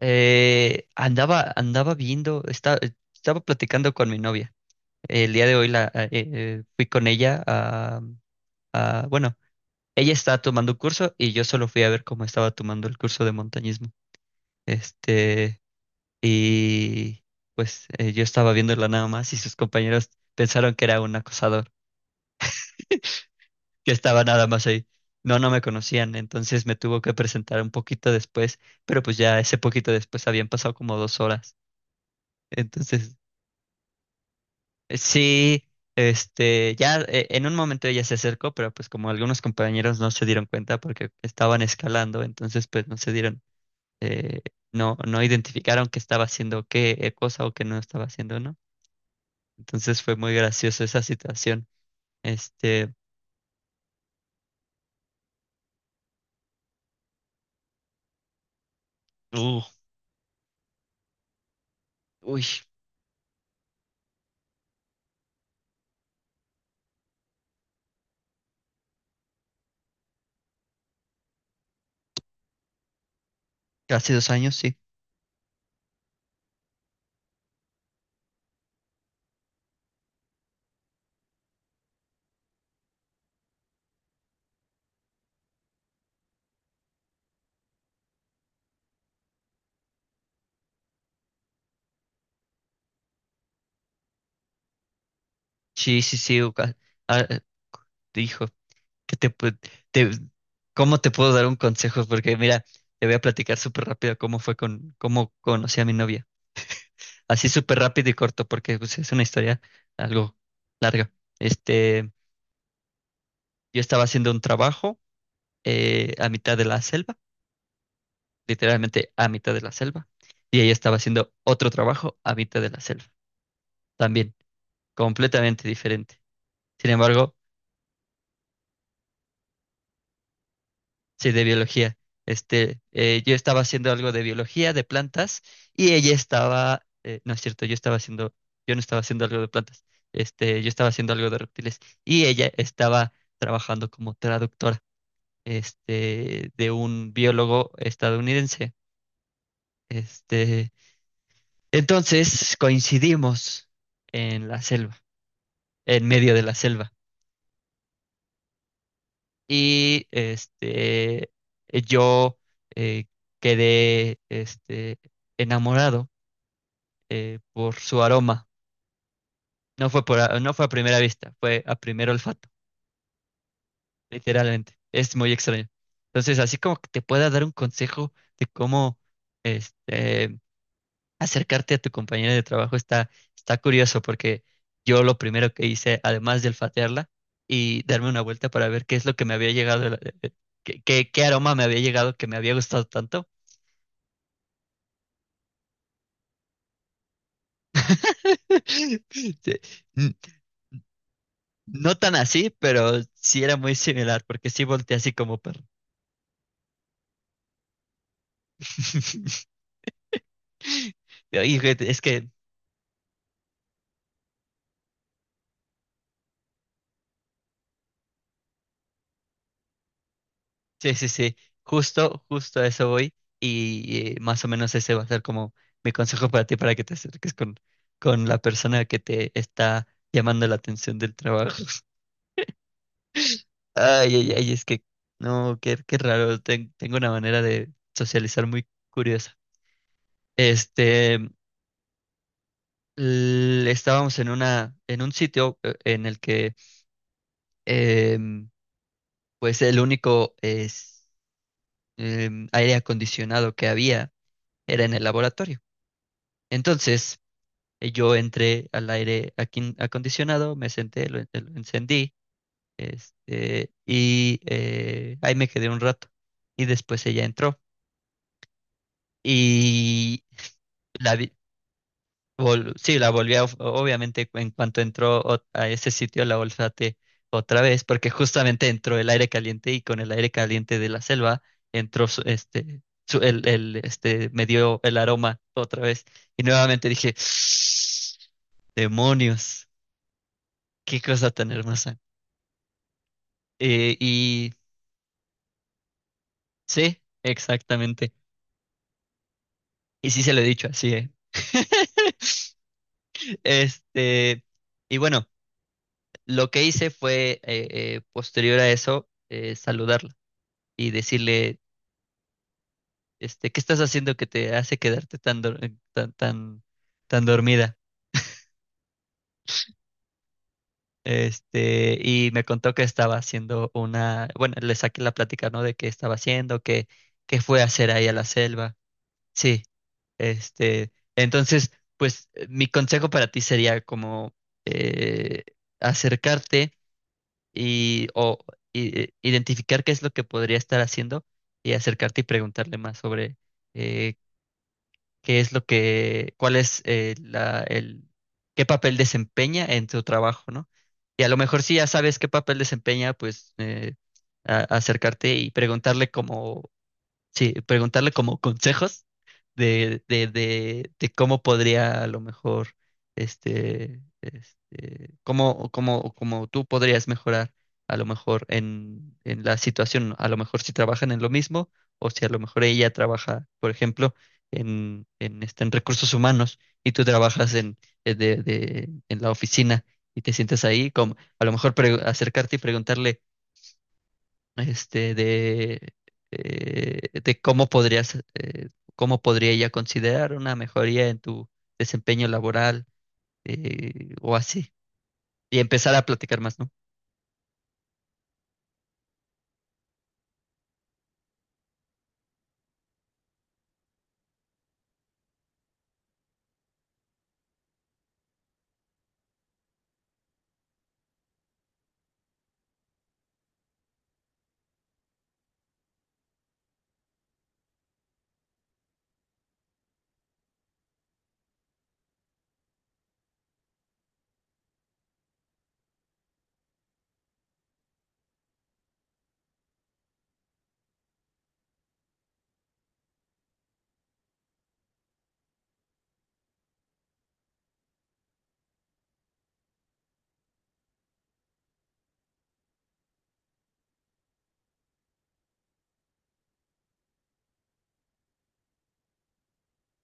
Andaba viendo, estaba platicando con mi novia. El día de hoy fui con ella a, ella estaba tomando un curso y yo solo fui a ver cómo estaba tomando el curso de montañismo. Este, y pues yo estaba viéndola nada más y sus compañeros pensaron que era un acosador, que estaba nada más ahí. No, no me conocían, entonces me tuvo que presentar un poquito después, pero pues ya ese poquito después habían pasado como 2 horas. Entonces Sí. Ya en un momento ella se acercó, pero pues como algunos compañeros no se dieron cuenta porque estaban escalando, entonces pues no se dieron, eh, no, no identificaron que estaba haciendo qué cosa o que no estaba haciendo, ¿no? Entonces fue muy gracioso esa situación. Este, uh, Uy, hace 2 años, sí. Sí, sí, sí. u- ca- ah, Dijo, que te, pu- te- ¿Cómo te puedo dar un consejo? Porque mira, te voy a platicar súper rápido cómo conocí a mi novia. Así súper rápido y corto, porque pues es una historia algo larga. Este, yo estaba haciendo un trabajo a mitad de la selva, literalmente a mitad de la selva, y ella estaba haciendo otro trabajo a mitad de la selva también, completamente diferente. Sin embargo, sí, de biología. Yo estaba haciendo algo de biología, de plantas, y ella estaba, no es cierto, yo estaba haciendo, yo no estaba haciendo algo de plantas, yo estaba haciendo algo de reptiles, y ella estaba trabajando como traductora, de un biólogo estadounidense. Este, entonces coincidimos en la selva, en medio de la selva. Y este, yo eh, quedé enamorado por su aroma. No fue a primera vista, fue a primer olfato, literalmente. Es muy extraño. Entonces, así como que te pueda dar un consejo de cómo este, acercarte a tu compañera de trabajo está, está curioso porque yo lo primero que hice, además de olfatearla y darme una vuelta para ver qué es lo que me había llegado, de la- de- qué, qué- qué aroma me había llegado que me había gustado tanto. Sí, n- no tan así, pero sí era muy similar porque sí volteé así como perro. Y, güey, es que sí, sí, sí. Justo, justo a eso voy. Y más o menos ese va a ser como mi consejo para ti para que te acerques con la persona que te está llamando la atención del trabajo. Ay, ay, ay, es que no, qué, qué raro. Tengo una manera de socializar muy curiosa. Este, Estábamos en una, en un sitio en el que em, pues el único aire acondicionado que había era en el laboratorio. Entonces, yo entré al acondicionado, me senté, lo encendí, ahí me quedé un rato. Y después ella entró. Y la vi- sí, la volví a obviamente, en cuanto entró a ese sitio, la olfateé otra vez, porque justamente entró el aire caliente y con el aire caliente de la selva entró me dio el aroma otra vez. Y nuevamente dije, demonios. Qué cosa tan hermosa. Y sí, exactamente. Y sí se lo he dicho así, ¿eh? Este, y bueno, lo que hice fue, posterior a eso, saludarla y decirle, ¿qué estás haciendo que te hace quedarte tan dormida? Y me contó que estaba haciendo una, bueno, le saqué la plática, ¿no? De qué estaba haciendo, qué fue a hacer ahí a la selva. Sí. Entonces, pues mi consejo para ti sería como eh, acercarte y identificar qué es lo que podría estar haciendo y acercarte y preguntarle más sobre eh, qué es lo que, cuál es qué papel desempeña en tu trabajo, ¿no? Y a lo mejor si ya sabes qué papel desempeña, pues acercarte y preguntarle como sí, preguntarle como consejos de cómo podría a lo mejor, cómo tú podrías mejorar a lo mejor en la situación, a lo mejor si trabajan en lo mismo o si a lo mejor ella trabaja, por ejemplo, en recursos humanos y tú trabajas en la oficina y te sientes ahí, como a lo mejor acercarte y preguntarle este, de, de cómo podrías, cómo podría ella considerar una mejoría en tu desempeño laboral, o así. Y empezar a platicar más, ¿no?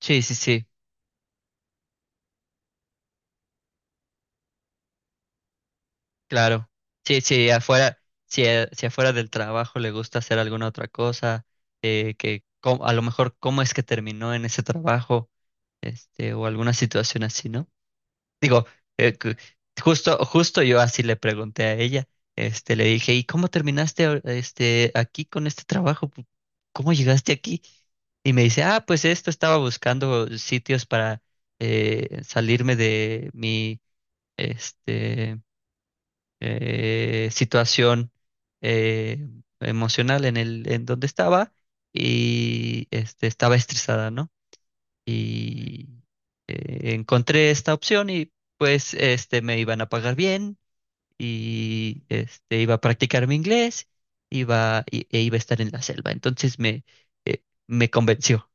Sí, sí, sí, claro. Sí, sí, afuera, si, si afuera del trabajo le gusta hacer alguna otra cosa, a lo mejor cómo es que terminó en ese trabajo, o alguna situación así, ¿no? Digo, eh, cu- justo, justo yo así le pregunté a ella, le dije, ¿y cómo terminaste aquí con este trabajo? ¿Cómo llegaste aquí? Y me dice, ah, pues esto estaba buscando sitios para salirme de mi este, situación eh, emocional en el, en donde estaba y estaba estresada, ¿no? Y encontré esta opción y pues me iban a pagar bien y iba a practicar mi inglés, e iba a estar en la selva. Entonces me convenció.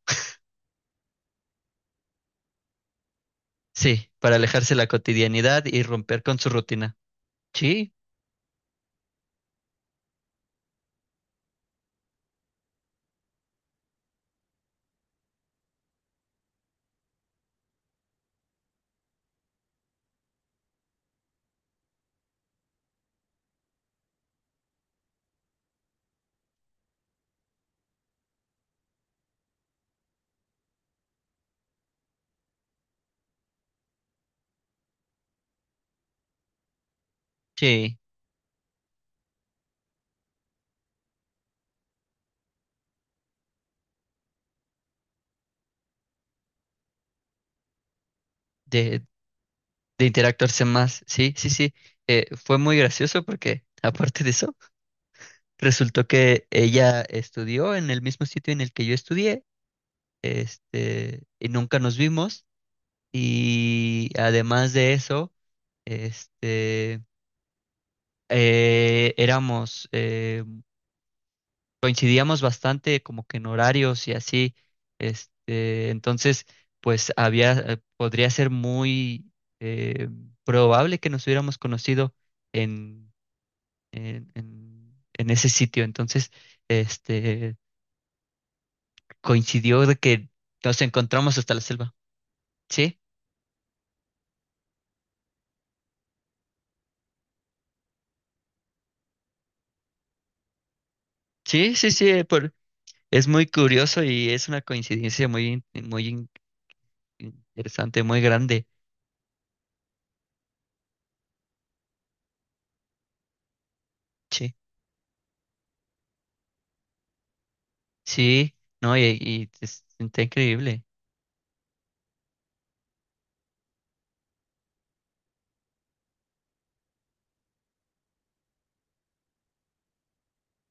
Sí, para alejarse de la cotidianidad y romper con su rutina. Sí, sí, de, de interactuarse más. Sí, sí, sí. Fue muy gracioso porque, aparte de eso, resultó que ella estudió en el mismo sitio en el que yo estudié, y nunca nos vimos. Y además de eso, este, éramos, coincidíamos bastante como que en horarios y así. Entonces, pues había, podría ser muy eh, probable que nos hubiéramos conocido en, en ese sitio. Entonces, este, coincidió de que nos encontramos hasta la selva. Sí, sí, sí, sí, por, es muy curioso y es una coincidencia muy interesante, muy grande. Sí. Sí, no, y es- está increíble.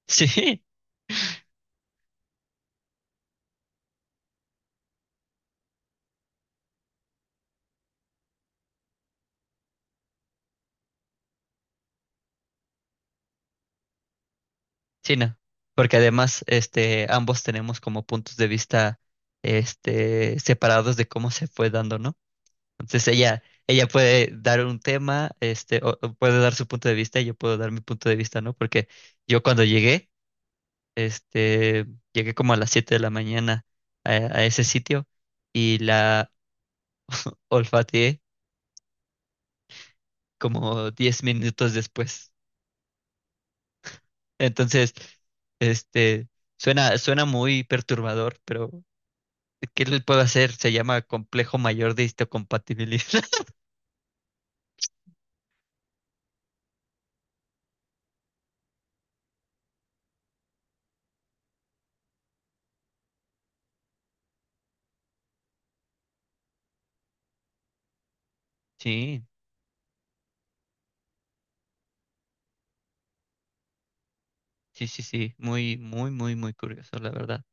Sí, sí, no. Porque además, ambos tenemos como puntos de vista, separados de cómo se fue dando, ¿no? Entonces ella puede dar un tema, o puede dar su punto de vista y yo puedo dar mi punto de vista, ¿no? Porque yo cuando llegué, este, llegué como a las 7 de la mañana a ese sitio y la olfateé como 10 minutos después. Entonces, este, suena, suena muy perturbador, pero ¿qué le puedo hacer? Se llama complejo mayor de histocompatibilidad. Sí, sí, sí, sí, muy, muy, muy, muy curioso, la verdad.